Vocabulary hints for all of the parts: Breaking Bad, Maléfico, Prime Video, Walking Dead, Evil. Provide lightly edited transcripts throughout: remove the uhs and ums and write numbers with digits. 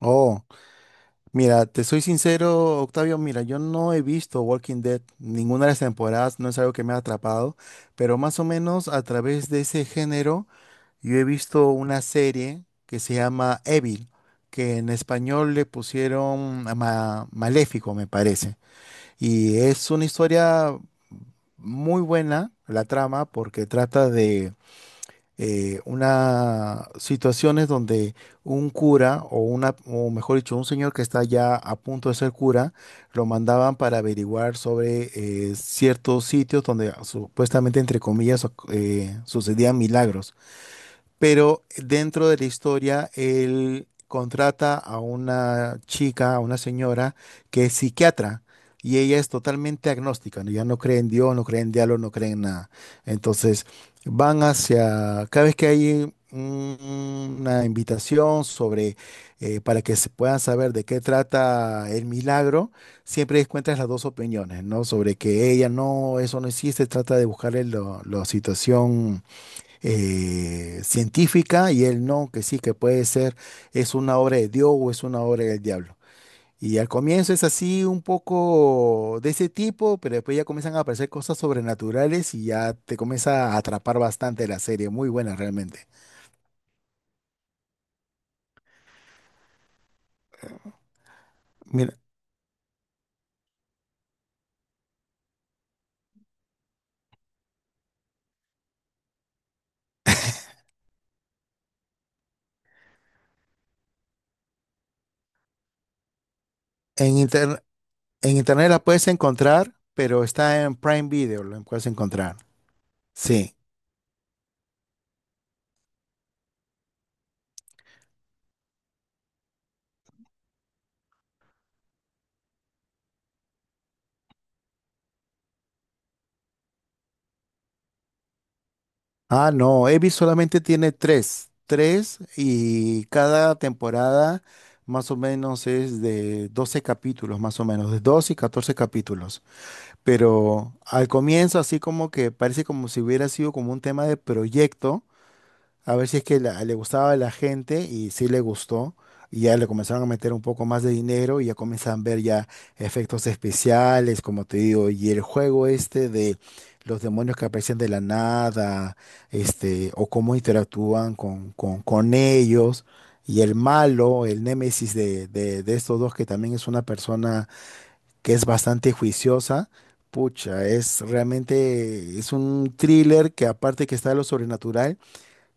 Oh, mira, te soy sincero, Octavio, mira, yo no he visto Walking Dead, ninguna de las temporadas, no es algo que me ha atrapado, pero más o menos a través de ese género, yo he visto una serie que se llama Evil, que en español le pusieron Maléfico, me parece, y es una historia muy buena, la trama, porque trata de una situaciones donde un cura o una, o mejor dicho, un señor que está ya a punto de ser cura, lo mandaban para averiguar sobre ciertos sitios donde supuestamente, entre comillas, sucedían milagros, pero dentro de la historia él contrata a una chica, a una señora que es psiquiatra y ella es totalmente agnóstica, ¿no? Ella no cree en Dios, no cree en diablo, no cree en nada. Entonces van hacia, cada vez que hay una invitación sobre, para que se puedan saber de qué trata el milagro, siempre encuentras las dos opiniones, ¿no? Sobre que ella no, eso no existe, trata de buscarle la situación científica, y él no, que sí, que puede ser, es una obra de Dios o es una obra del diablo. Y al comienzo es así un poco de ese tipo, pero después ya comienzan a aparecer cosas sobrenaturales y ya te comienza a atrapar bastante la serie, muy buena realmente. Mira, en inter- en internet la puedes encontrar, pero está en Prime Video, la puedes encontrar. Sí. Ah, no, Evi solamente tiene tres, y cada temporada más o menos es de 12 capítulos, más o menos, de 12 y 14 capítulos. Pero al comienzo así como que parece como si hubiera sido como un tema de proyecto. A ver si es que le gustaba a la gente y sí le gustó. Y ya le comenzaron a meter un poco más de dinero y ya comienzan a ver ya efectos especiales, como te digo, y el juego este de los demonios que aparecen de la nada, este, o cómo interactúan con ellos, y el malo, el némesis de estos dos, que también es una persona que es bastante juiciosa, pucha, es realmente, es un thriller que aparte que está de lo sobrenatural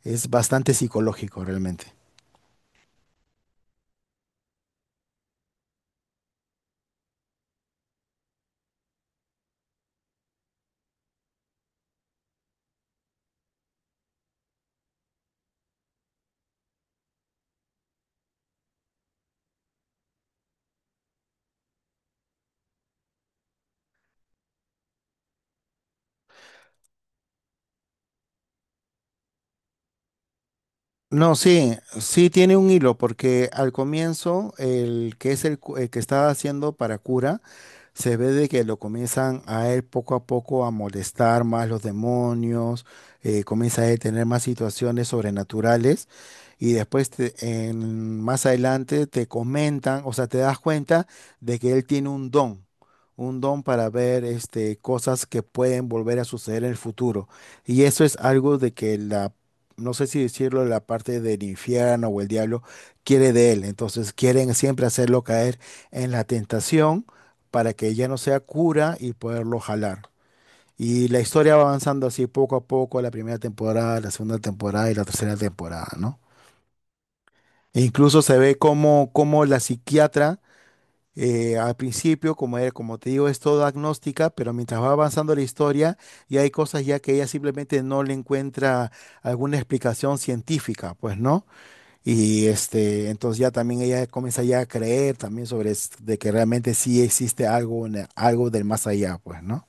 es bastante psicológico realmente. No, sí, sí tiene un hilo, porque al comienzo el, que es el que está haciendo para cura, se ve de que lo comienzan a él poco a poco a molestar más los demonios, comienza a él tener más situaciones sobrenaturales, y después más adelante te comentan, o sea, te das cuenta de que él tiene un don para ver este, cosas que pueden volver a suceder en el futuro. Y eso es algo de que la, no sé si decirlo, la parte del infierno o el diablo quiere de él. Entonces quieren siempre hacerlo caer en la tentación para que ya no sea cura y poderlo jalar. Y la historia va avanzando así poco a poco, la primera temporada, la segunda temporada y la tercera temporada, ¿no? E incluso se ve como, como la psiquiatra, al principio, como, como te digo, es todo agnóstica, pero mientras va avanzando la historia, ya hay cosas ya que ella simplemente no le encuentra alguna explicación científica, pues, ¿no? Y este, entonces ya también ella comienza ya a creer también sobre de que realmente sí existe algo, algo del más allá, pues, ¿no?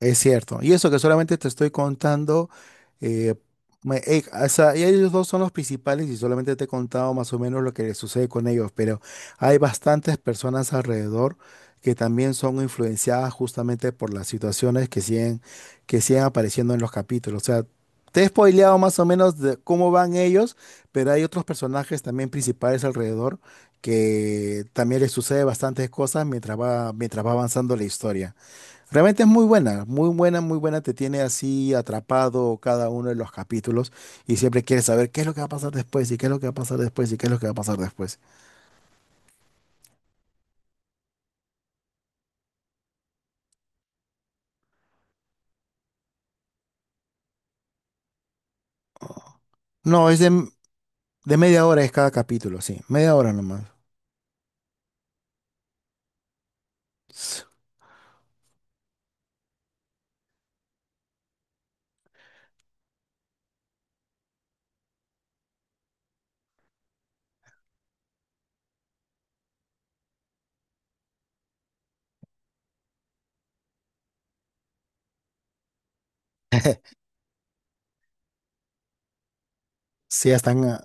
Es cierto. Y eso que solamente te estoy contando, eh, o sea, y ellos dos son los principales, y solamente te he contado más o menos lo que les sucede con ellos, pero hay bastantes personas alrededor que también son influenciadas justamente por las situaciones que siguen apareciendo en los capítulos. O sea, te he spoileado más o menos de cómo van ellos, pero hay otros personajes también principales alrededor que también les sucede bastantes cosas mientras va avanzando la historia. Realmente es muy buena, muy buena, muy buena. Te tiene así atrapado cada uno de los capítulos, y siempre quieres saber qué es lo que va a pasar después, y qué es lo que va a pasar después, y qué es lo que va a pasar después. No, es de media hora es cada capítulo, sí, media hora nomás. Sí, ya están.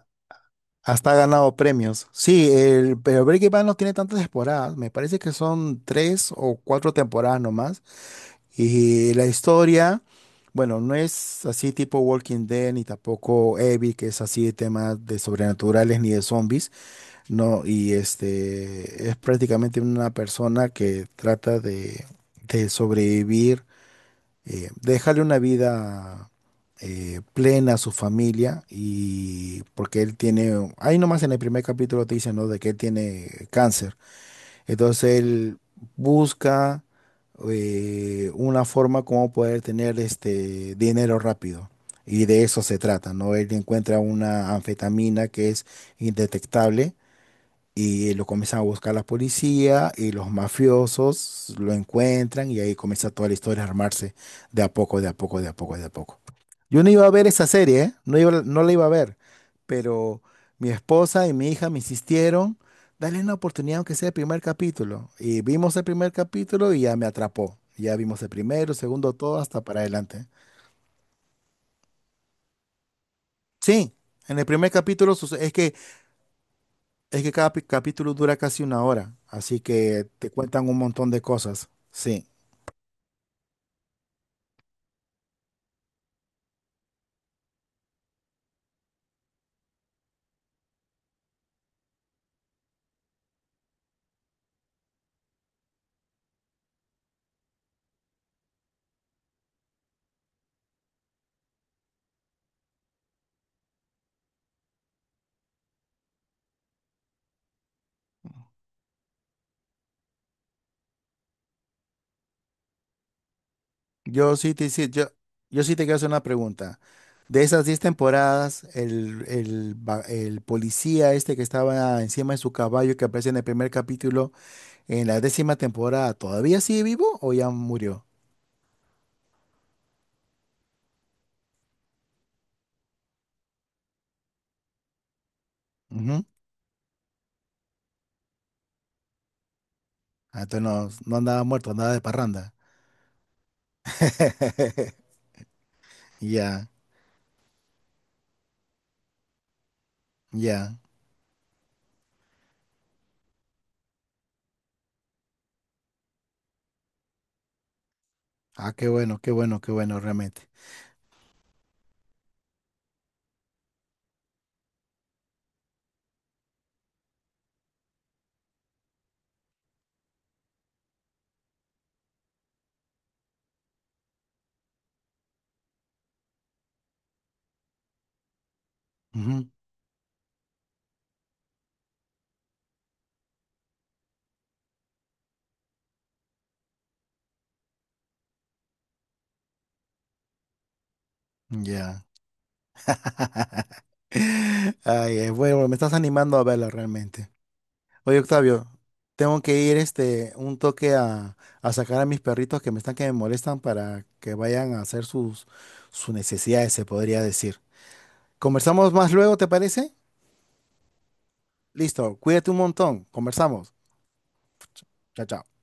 Hasta ha ganado premios. Sí, el, pero Breaking Bad no tiene tantas temporadas. Me parece que son tres o cuatro temporadas nomás. Y la historia, bueno, no es así tipo Walking Dead, ni tampoco Evil, que es así de temas de sobrenaturales ni de zombies. No, y este es prácticamente una persona que trata de sobrevivir, déjale una vida plena a su familia, y porque él tiene, ahí nomás en el primer capítulo te dicen, ¿no? De que él tiene cáncer. Entonces él busca una forma como poder tener este dinero rápido. Y de eso se trata, ¿no? Él encuentra una anfetamina que es indetectable, y lo comienzan a buscar la policía y los mafiosos lo encuentran, y ahí comienza toda la historia a armarse de a poco, de a poco, de a poco, de a poco. Yo no iba a ver esa serie, ¿eh? No iba, no la iba a ver, pero mi esposa y mi hija me insistieron, dale una oportunidad aunque sea el primer capítulo. Y vimos el primer capítulo y ya me atrapó. Ya vimos el primero, segundo, todo hasta para adelante. Sí, en el primer capítulo es que cada capítulo dura casi una hora, así que te cuentan un montón de cosas. Sí, yo sí te, hice- yo, yo sí te quiero hacer una pregunta. De esas 10 temporadas, el policía este que estaba encima de su caballo que aparece en el primer capítulo, en la décima temporada, ¿todavía sigue vivo o ya murió? Ujú. Ah, entonces no, no andaba muerto, andaba de parranda. Ya, ya. Ah, qué bueno, qué bueno, qué bueno, realmente. Ujú. Ya. Ay, bueno, me estás animando a verla realmente. Oye, Octavio, tengo que ir este un toque a sacar a mis perritos que me están que me molestan para que vayan a hacer sus, sus necesidades, se podría decir. ¿Conversamos más luego, te parece? Listo, cuídate un montón. Conversamos. Chao, chao.